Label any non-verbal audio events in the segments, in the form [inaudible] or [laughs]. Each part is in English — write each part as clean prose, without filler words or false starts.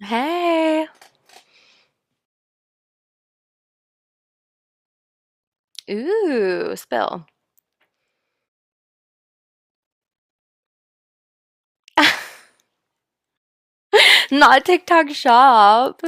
Hey. Ooh, spill. [laughs] Not TikTok shop.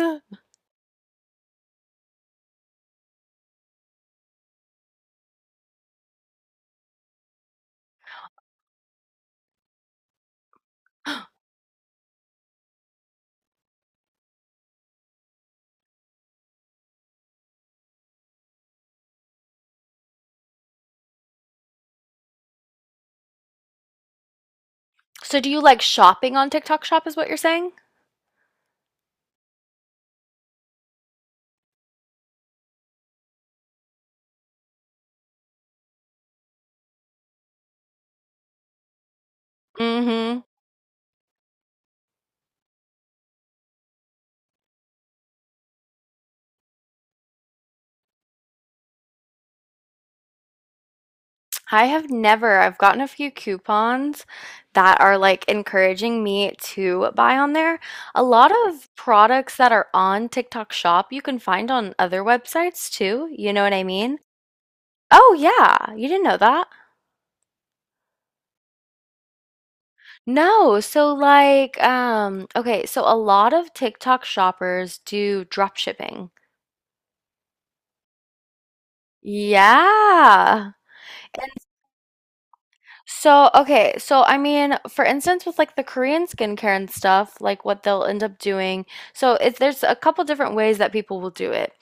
So do you like shopping on TikTok shop is what you're saying? Mm-hmm. I have never. I've gotten a few coupons that are like encouraging me to buy on there. A lot of products that are on TikTok shop you can find on other websites too. You know what I mean? Oh yeah, you didn't know that. No, so like, okay, so a lot of TikTok shoppers do drop shipping. Yeah. So, okay, so I mean, for instance, with like the Korean skincare and stuff, like what they'll end up doing. So, it's there's a couple different ways that people will do it.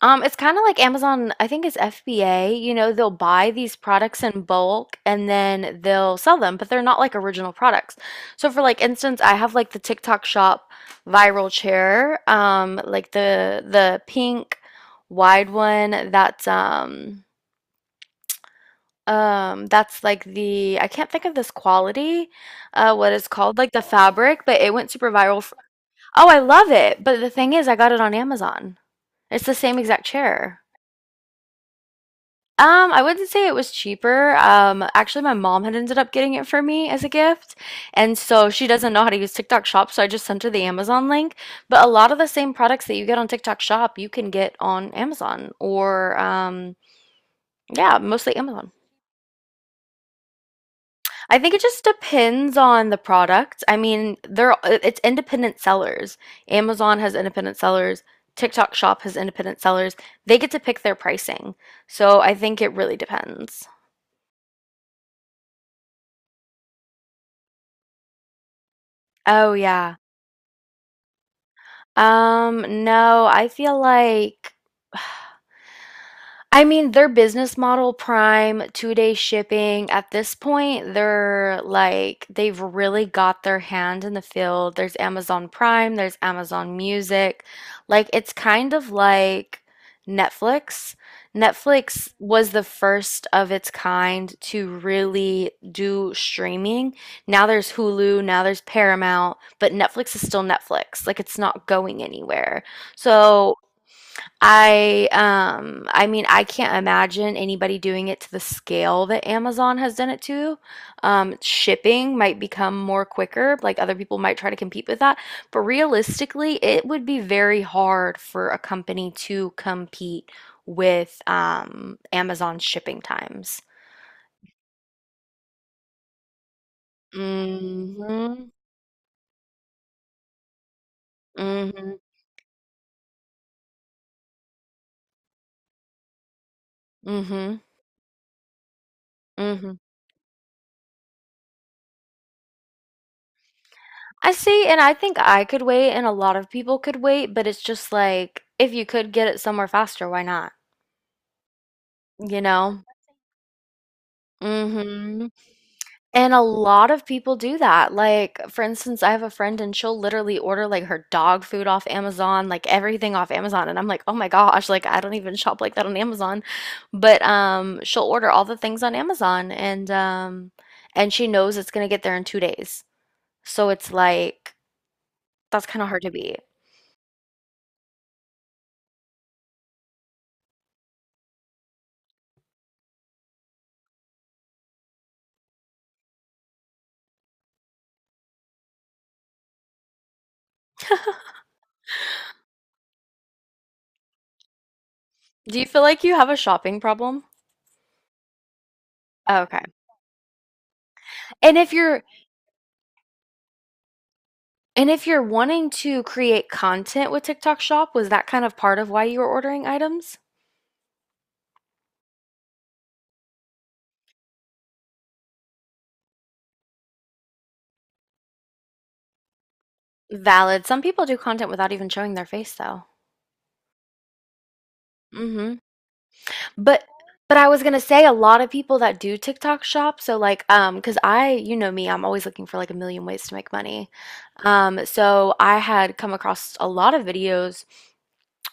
It's kind of like Amazon, I think it's FBA, they'll buy these products in bulk and then they'll sell them, but they're not like original products. So for like instance, I have like the TikTok shop viral chair, like the pink wide one that's like the I can't think of this quality, what it's called, like the fabric, but it went super viral. F Oh, I love it. But the thing is, I got it on Amazon. It's the same exact chair. I wouldn't say it was cheaper. Actually, my mom had ended up getting it for me as a gift, and so she doesn't know how to use TikTok Shop, so I just sent her the Amazon link. But a lot of the same products that you get on TikTok Shop, you can get on Amazon or yeah, mostly Amazon. I think it just depends on the product. I mean, they're it's independent sellers. Amazon has independent sellers. TikTok Shop has independent sellers. They get to pick their pricing. So I think it really depends. Oh yeah. No, I feel like I mean, their business model, Prime, 2-day shipping, at this point, they're like, they've really got their hand in the field. There's Amazon Prime, there's Amazon Music. Like, it's kind of like Netflix. Netflix was the first of its kind to really do streaming. Now there's Hulu, now there's Paramount, but Netflix is still Netflix. Like, it's not going anywhere. So, I mean I can't imagine anybody doing it to the scale that Amazon has done it to. Shipping might become more quicker, like other people might try to compete with that, but realistically, it would be very hard for a company to compete with Amazon's shipping times. Hmm. Hmm. Hmm. Hmm. I see, and I think I could wait, and a lot of people could wait, but it's just like if you could get it somewhere faster, why not? You know? Mhm. And a lot of people do that. Like, for instance, I have a friend and she'll literally order like her dog food off Amazon, like everything off Amazon. And I'm like, oh my gosh, like I don't even [laughs] shop like that on Amazon. But she'll order all the things on Amazon and she knows it's gonna get there in 2 days. So it's like that's kind of hard to beat. Do you feel like you have a shopping problem? Okay. And if you're And if you're wanting to create content with TikTok Shop, was that kind of part of why you were ordering items? Valid. Some people do content without even showing their face though. Mhm. But but I was gonna say a lot of people that do TikTok shop, so like cause I, you know me, I'm always looking for like a million ways to make money. So I had come across a lot of videos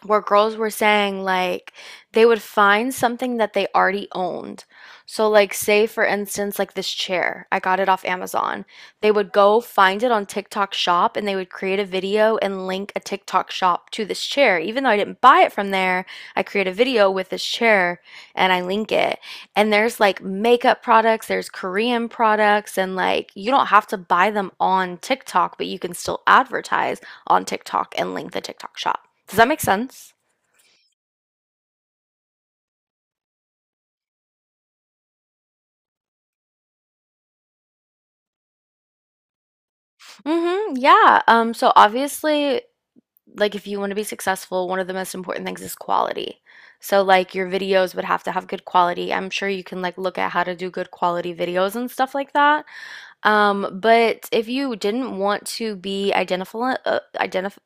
where girls were saying like they would find something that they already owned. So like say for instance like this chair, I got it off Amazon. They would go find it on TikTok shop and they would create a video and link a TikTok shop to this chair. Even though I didn't buy it from there, I create a video with this chair and I link it. And there's like makeup products, there's Korean products and like you don't have to buy them on TikTok, but you can still advertise on TikTok and link the TikTok shop. Does that make sense? Mm-hmm. Yeah. So obviously, like if you want to be successful, one of the most important things is quality. So like your videos would have to have good quality. I'm sure you can like look at how to do good quality videos and stuff like that. But if you didn't want to be identif uh, identifiable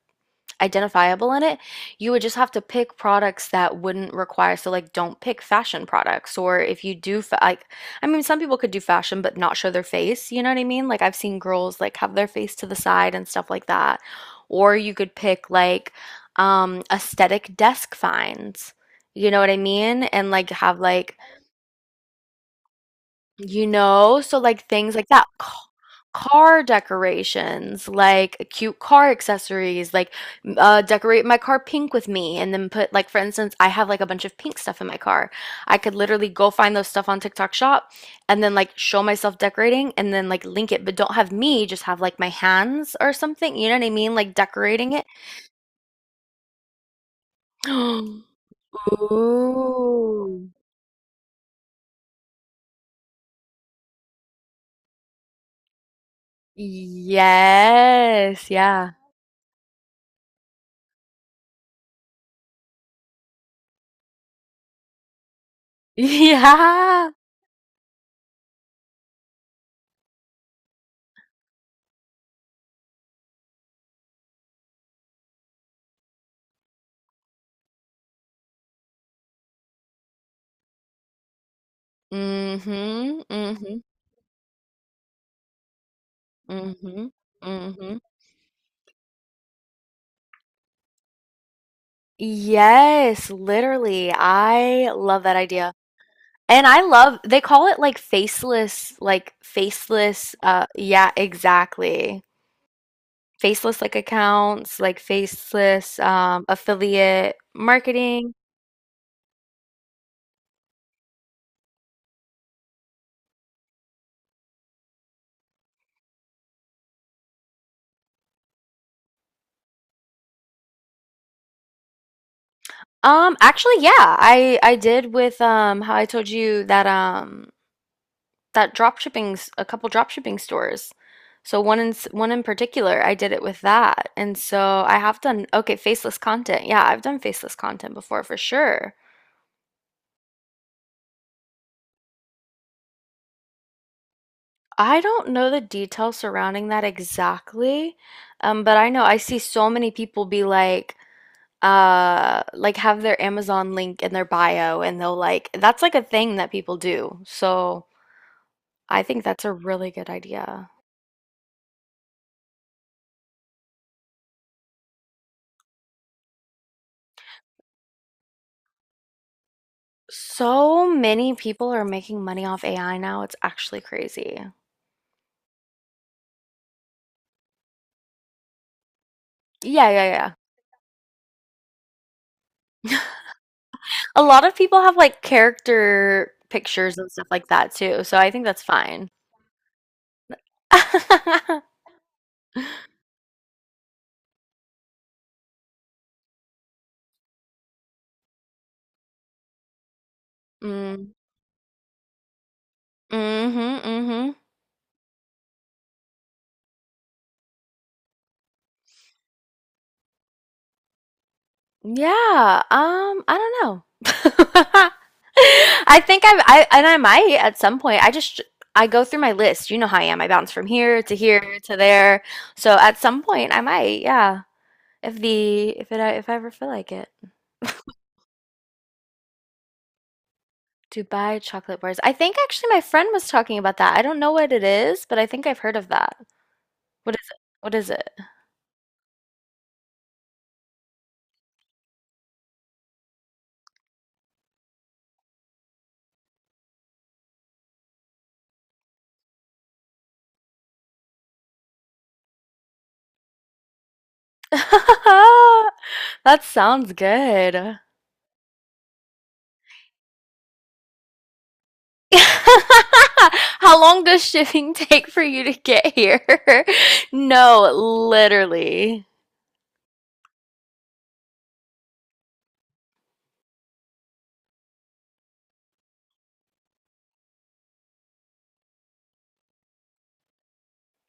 identifiable in it, you would just have to pick products that wouldn't require. So, like, don't pick fashion products. Or if you do, like, I mean, some people could do fashion but not show their face. You know what I mean? Like, I've seen girls like have their face to the side and stuff like that. Or you could pick like aesthetic desk finds. You know what I mean? And like have like so like things like that, car decorations, like cute car accessories, like decorate my car pink with me, and then put like for instance, I have like a bunch of pink stuff in my car. I could literally go find those stuff on TikTok Shop, and then like show myself decorating, and then like link it, but don't have me, just have like my hands or something. You know what I mean? Like decorating it. [gasps] Ooh. Yes. Yeah. [laughs] Yeah. Mhm, mhm, mhm, mhm. Yes, literally. I love that idea. And I love they call it like faceless yeah, exactly. Faceless like accounts, like faceless affiliate marketing. Actually yeah, I did with how I told you that drop shipping a couple drop shipping stores. So one in particular, I did it with that. And so I have done okay, faceless content. Yeah, I've done faceless content before for sure. I don't know the details surrounding that exactly. But I know I see so many people be like have their Amazon link in their bio and they'll like that's like a thing that people do. So I think that's a really good idea. So many people are making money off AI now. It's actually crazy. Yeah, yeah, yeah. A lot of people have like character pictures and stuff like that too. So I think that's fine. [laughs] Mm, mm-hmm, mm-hmm. Yeah. I don't know. [laughs] I think and I might at some point. I go through my list. You know how I am. I bounce from here to here to there. So at some point, I might. Yeah. If I ever feel like it. Dubai chocolate bars. I think actually my friend was talking about that. I don't know what it is, but I think I've heard of that. What is it? What is it? [laughs] That sounds good. [laughs] How long does shipping [laughs] take for you to get here? [laughs] No, literally.